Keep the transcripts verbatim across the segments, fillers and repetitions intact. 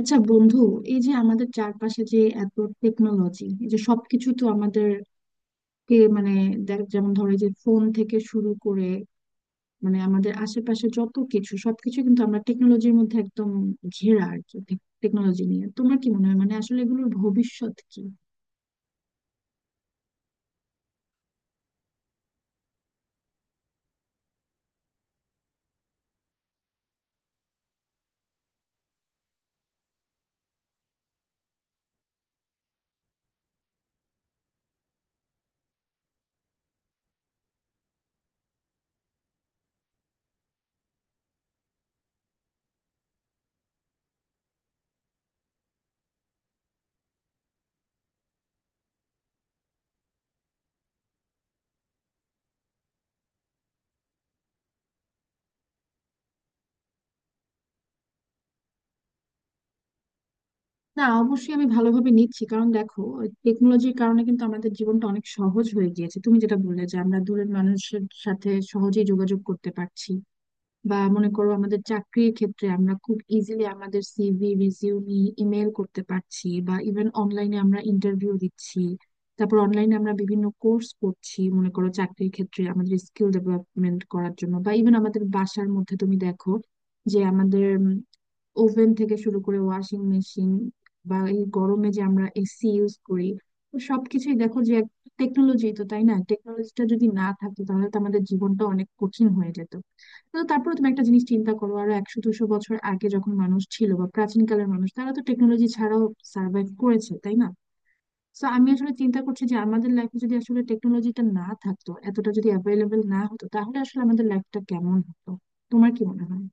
আচ্ছা বন্ধু, এই যে আমাদের চারপাশে যে এত টেকনোলজি, এই যে সবকিছু তো আমাদেরকে মানে দেখ, যেমন ধরো এই যে ফোন থেকে শুরু করে মানে আমাদের আশেপাশে যত কিছু, সবকিছু কিন্তু আমরা টেকনোলজির মধ্যে একদম ঘেরা আর কি। টেকনোলজি নিয়ে তোমার কি মনে হয়, মানে আসলে এগুলোর ভবিষ্যৎ কি? না, অবশ্যই আমি ভালোভাবে নিচ্ছি, কারণ দেখো টেকনোলজির কারণে কিন্তু আমাদের জীবনটা অনেক সহজ হয়ে গিয়েছে। তুমি যেটা বললে যে আমরা দূরের মানুষের সাথে সহজেই যোগাযোগ করতে পারছি, বা মনে করো আমাদের চাকরির ক্ষেত্রে আমরা খুব ইজিলি আমাদের সিভি রিজিউমি ইমেল করতে পারছি, বা ইভেন অনলাইনে আমরা ইন্টারভিউ দিচ্ছি। তারপর অনলাইনে আমরা বিভিন্ন কোর্স করছি, মনে করো চাকরির ক্ষেত্রে আমাদের স্কিল ডেভেলপমেন্ট করার জন্য, বা ইভেন আমাদের বাসার মধ্যে তুমি দেখো যে আমাদের ওভেন থেকে শুরু করে ওয়াশিং মেশিন, বা এই গরমে যে আমরা এসি ইউজ করি, তো সবকিছুই দেখো যে টেকনোলজি, তো তাই না? টেকনোলজিটা যদি না থাকতো তাহলে তো আমাদের জীবনটা অনেক কঠিন হয়ে যেত। তো তারপরে তুমি একটা জিনিস চিন্তা করো, আরো একশো দুশো বছর আগে যখন মানুষ ছিল, বা প্রাচীনকালের মানুষ, তারা তো টেকনোলজি ছাড়াও সার্ভাইভ করেছে, তাই না? তো আমি আসলে চিন্তা করছি যে আমাদের লাইফে যদি আসলে টেকনোলজিটা না থাকতো, এতটা যদি অ্যাভেলেবেল না হতো, তাহলে আসলে আমাদের লাইফটা কেমন হতো, তোমার কি মনে হয়?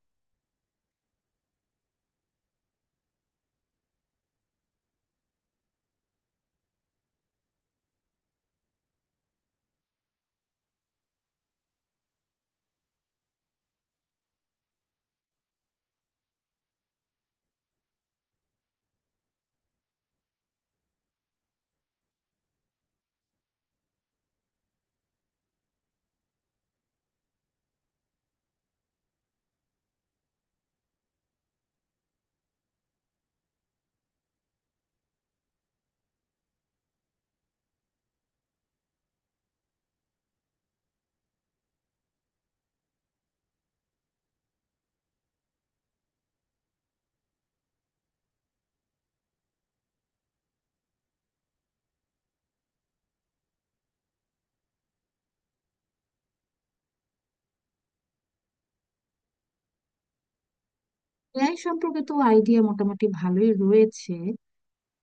এআই সম্পর্কে তো আইডিয়া মোটামুটি ভালোই রয়েছে,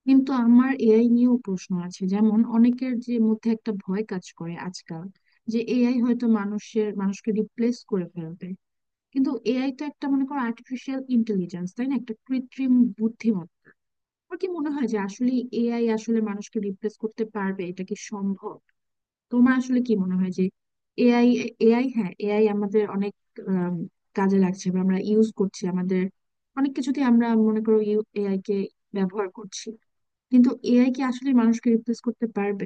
কিন্তু আমার এআই নিয়েও প্রশ্ন আছে, যেমন অনেকের যে মধ্যে একটা ভয় কাজ করে আজকাল যে এআই হয়তো মানুষের মানুষকে রিপ্লেস করে ফেলবে। কিন্তু এআই তো একটা, মনে করো, আর্টিফিশিয়াল ইন্টেলিজেন্স, তাই না? একটা কৃত্রিম বুদ্ধিমত্তা। আমার কি মনে হয় যে আসলে এআই আসলে মানুষকে রিপ্লেস করতে পারবে, এটা কি সম্ভব? তোমার আসলে কি মনে হয় যে এআই, এআই, হ্যাঁ, এআই আমাদের অনেক আম, কাজে লাগছে, বা আমরা ইউজ করছি আমাদের অনেক কিছুতে, আমরা মনে করো এআই কে ব্যবহার করছি, কিন্তু এআই কি আসলে মানুষকে রিপ্লেস করতে পারবে?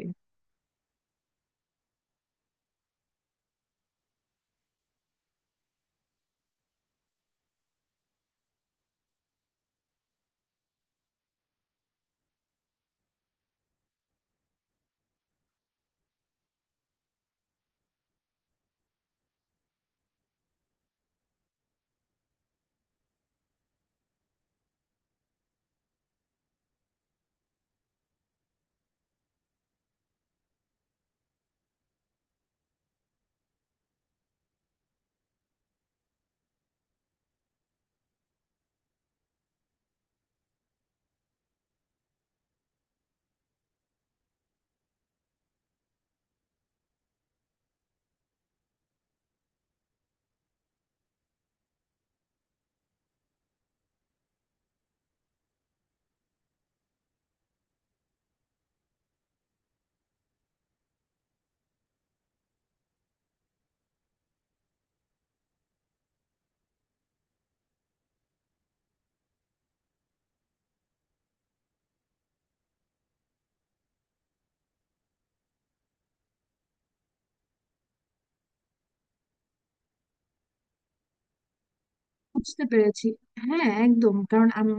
বুঝতে পেরেছি। হ্যাঁ, একদম, কারণ আমি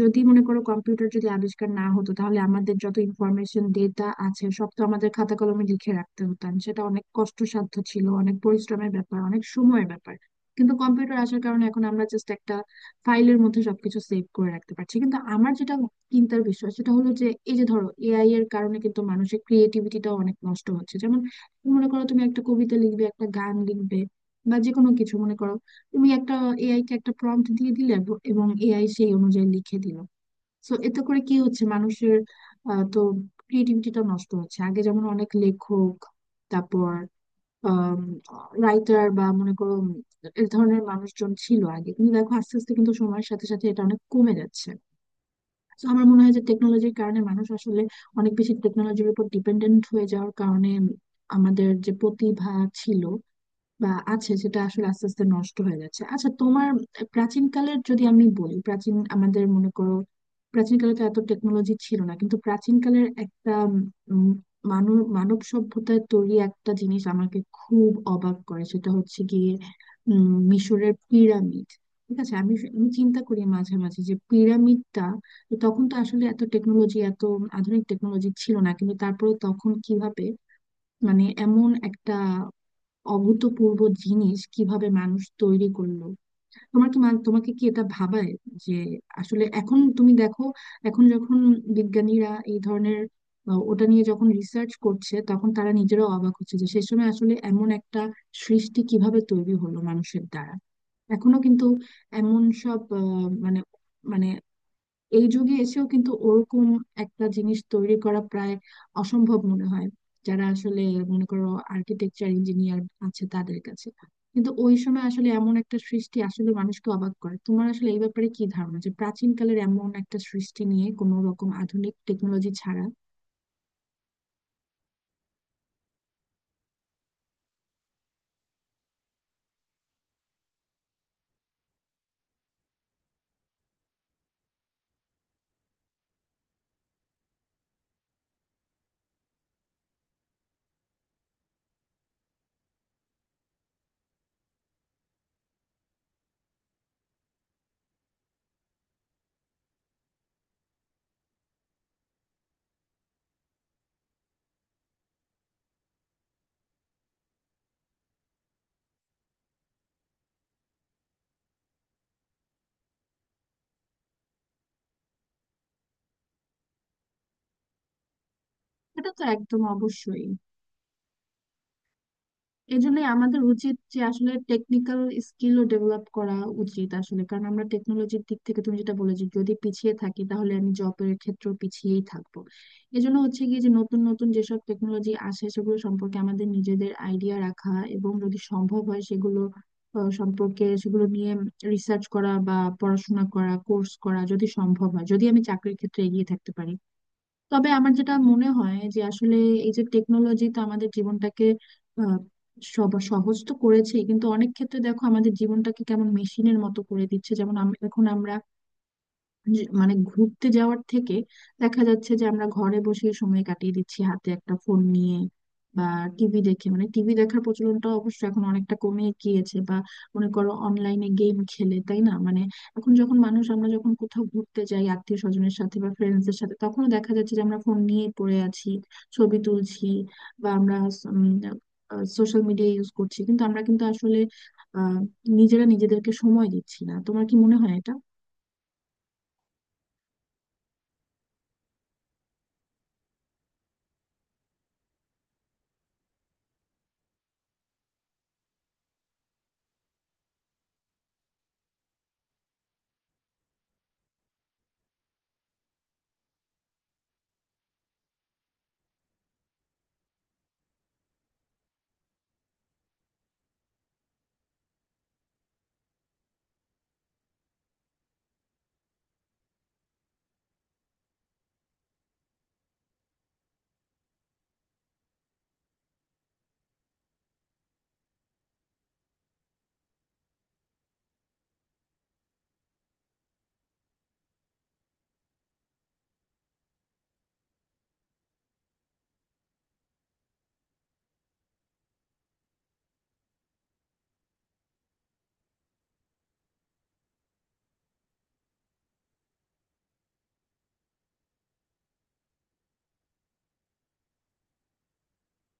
যদি মনে করো, কম্পিউটার যদি আবিষ্কার না হতো তাহলে আমাদের যত ইনফরমেশন ডেটা আছে সব তো আমাদের খাতা কলমে লিখে রাখতে হতাম, সেটা অনেক কষ্টসাধ্য ছিল, অনেক পরিশ্রমের ব্যাপার, অনেক সময়ের ব্যাপার। কিন্তু কম্পিউটার আসার কারণে এখন আমরা জাস্ট একটা ফাইলের মধ্যে সবকিছু সেভ করে রাখতে পারছি। কিন্তু আমার যেটা চিন্তার বিষয় সেটা হলো যে এই যে ধরো এআই এর কারণে কিন্তু মানুষের ক্রিয়েটিভিটিটাও অনেক নষ্ট হচ্ছে। যেমন মনে করো তুমি একটা কবিতা লিখবে, একটা গান লিখবে, বা যে কোনো কিছু, মনে করো তুমি একটা এআই কে একটা প্রম্পট দিয়ে দিলে ব- এবং এআই সেই অনুযায়ী লিখে দিল। সো এতে করে কি হচ্ছে, মানুষের আহ, তো ক্রিয়েটিভিটিটা নষ্ট হচ্ছে। আগে যেমন অনেক লেখক, তারপর রাইটার, বা মনে করো উম, এ ধরনের মানুষজন ছিল আগে, কিন্তু দেখো আস্তে আস্তে কিন্তু সময়ের সাথে সাথে এটা অনেক কমে যাচ্ছে। তো আমার মনে হয় যে টেকনোলজির কারণে মানুষ আসলে অনেক বেশি টেকনোলজির উপর ডিপেন্ডেন্ট হয়ে যাওয়ার কারণে আমাদের যে প্রতিভা ছিল বা আছে সেটা আসলে আস্তে আস্তে নষ্ট হয়ে যাচ্ছে। আচ্ছা, তোমার, প্রাচীনকালের যদি আমি বলি, প্রাচীন আমাদের মনে করো, প্রাচীনকালে তো এত টেকনোলজি ছিল না, কিন্তু প্রাচীনকালের একটা মানব মানব সভ্যতায় তৈরি একটা জিনিস আমাকে খুব অবাক করে, সেটা হচ্ছে গিয়ে উম মিশরের পিরামিড। ঠিক আছে, আমি আমি চিন্তা করি মাঝে মাঝে যে পিরামিডটা, তখন তো আসলে এত টেকনোলজি, এত আধুনিক টেকনোলজি ছিল না, কিন্তু তারপরে তখন কিভাবে, মানে এমন একটা অভূতপূর্ব জিনিস কিভাবে মানুষ তৈরি করলো? তোমার কি মান- তোমাকে কি এটা ভাবায় যে আসলে এখন তুমি দেখো, এখন যখন বিজ্ঞানীরা এই ধরনের আহ, ওটা নিয়ে যখন রিসার্চ করছে তখন তারা নিজেরাও অবাক হচ্ছে যে সে সময় আসলে এমন একটা সৃষ্টি কিভাবে তৈরি হলো মানুষের দ্বারা। এখনো কিন্তু এমন সব আহ, মানে মানে এই যুগে এসেও কিন্তু ওরকম একটা জিনিস তৈরি করা প্রায় অসম্ভব মনে হয় যারা আসলে, মনে করো, আর্কিটেকচার ইঞ্জিনিয়ার আছে তাদের কাছে। কিন্তু ওই সময় আসলে এমন একটা সৃষ্টি আসলে মানুষকে অবাক করে। তোমার আসলে এই ব্যাপারে কি ধারণা, যে প্রাচীন কালের এমন একটা সৃষ্টি নিয়ে, কোনো রকম আধুনিক টেকনোলজি ছাড়া? এটা তো একদম অবশ্যই, এজন্যই আমাদের উচিত যে আসলে টেকনিক্যাল স্কিলও ডেভেলপ করা উচিত আসলে, কারণ আমরা টেকনোলজির দিক থেকে তুমি যেটা বলেছো যদি পিছিয়ে থাকি তাহলে আমি জবের ক্ষেত্রেও পিছিয়েই থাকবো। এজন্য হচ্ছে কি, যে নতুন নতুন যেসব টেকনোলজি আসে সেগুলো সম্পর্কে আমাদের নিজেদের আইডিয়া রাখা, এবং যদি সম্ভব হয় সেগুলো আহ, সম্পর্কে, সেগুলো নিয়ে রিসার্চ করা বা পড়াশোনা করা, কোর্স করা যদি সম্ভব হয়, যদি আমি চাকরির ক্ষেত্রে এগিয়ে থাকতে পারি। তবে আমার যেটা মনে হয় যে আসলে এই যে টেকনোলজি তো আমাদের জীবনটাকে আহ, সব সহজ তো করেছে, কিন্তু অনেক ক্ষেত্রে দেখো আমাদের জীবনটাকে কেমন মেশিনের মতো করে দিচ্ছে। যেমন আম- এখন আমরা যে- মানে ঘুরতে যাওয়ার থেকে দেখা যাচ্ছে যে আমরা ঘরে বসে সময় কাটিয়ে দিচ্ছি হাতে একটা ফোন নিয়ে, বা টিভি দেখে, মানে টিভি দেখার প্রচলনটা অবশ্য এখন অনেকটা কমে গিয়েছে, বা মনে করো অনলাইনে গেম খেলে, তাই না? মানে এখন যখন মানুষ, আমরা যখন কোথাও ঘুরতে যাই আত্মীয় স্বজনের সাথে বা ফ্রেন্ডসদের সাথে, তখনও দেখা যাচ্ছে যে আমরা ফোন নিয়ে পড়ে আছি, ছবি তুলছি, বা আমরা সোশ্যাল মিডিয়া ইউজ করছি, কিন্তু আমরা কিন্তু আসলে আহ নিজেরা নিজেদেরকে সময় দিচ্ছি না। তোমার কি মনে হয় এটা?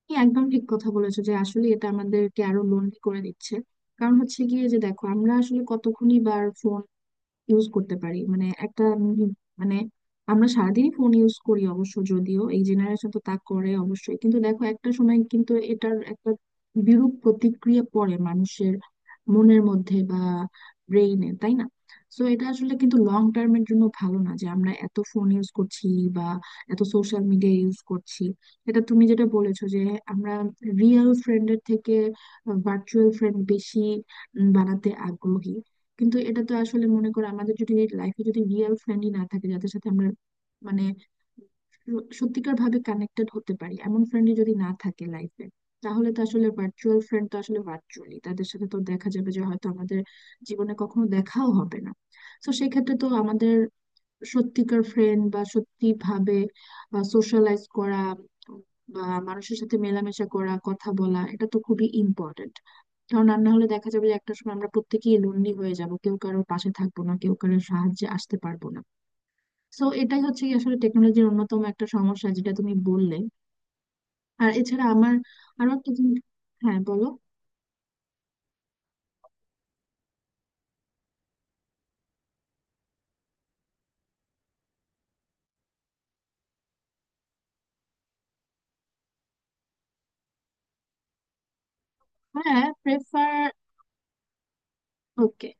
তুমি একদম ঠিক কথা বলেছো যে আসলে এটা আমাদেরকে আরো লোনলি করে দিচ্ছে। ইউজ করতে পারি মানে একটা উম মানে আমরা সারাদিনই ফোন ইউজ করি অবশ্য, যদিও এই জেনারেশন তো তা করে অবশ্যই, কিন্তু দেখো একটা সময় কিন্তু এটার একটা বিরূপ প্রতিক্রিয়া পড়ে মানুষের মনের মধ্যে বা ব্রেইনে, তাই না? তো এটা আসলে কিন্তু লং টার্মের জন্য ভালো না যে আমরা এত ফোন ইউজ করছি বা এত সোশ্যাল মিডিয়া ইউজ করছি। এটা তুমি যেটা বলেছো যে আমরা রিয়েল ফ্রেন্ডের থেকে ভার্চুয়াল ফ্রেন্ড বেশি উম, বানাতে আগ্রহী। কিন্তু এটা তো আসলে, মনে করো, আমাদের যদি লাইফে যদি রিয়েল ফ্রেন্ডই না থাকে যাদের সাথে আমরা মানে সত্যিকার ভাবে কানেক্টেড হতে পারি, এমন ফ্রেন্ডই যদি না থাকে লাইফে, তাহলে তো আসলে ভার্চুয়াল ফ্রেন্ড, তো আসলে ভার্চুয়ালি তাদের সাথে তো দেখা যাবে যে হয়তো আমাদের জীবনে কখনো দেখাও হবে না। তো সেক্ষেত্রে তো আমাদের সত্যিকার ফ্রেন্ড বা সত্যি ভাবে সোশ্যালাইজ করা বা মানুষের সাথে মেলামেশা করা, কথা বলা, এটা তো খুবই ইম্পর্টেন্ট। কারণ রান্না হলে দেখা যাবে যে একটা সময় আমরা প্রত্যেকেই লোনলি হয়ে যাব, কেউ কারোর পাশে থাকবো না, কেউ কারোর সাহায্যে আসতে পারবো না। তো এটাই হচ্ছে কি আসলে টেকনোলজির অন্যতম একটা সমস্যা যেটা তুমি বললে। আর এছাড়া আমার আরো একটা জিনিস। হ্যাঁ, বলো। হ্যাঁ, প্রেফার। ওকে।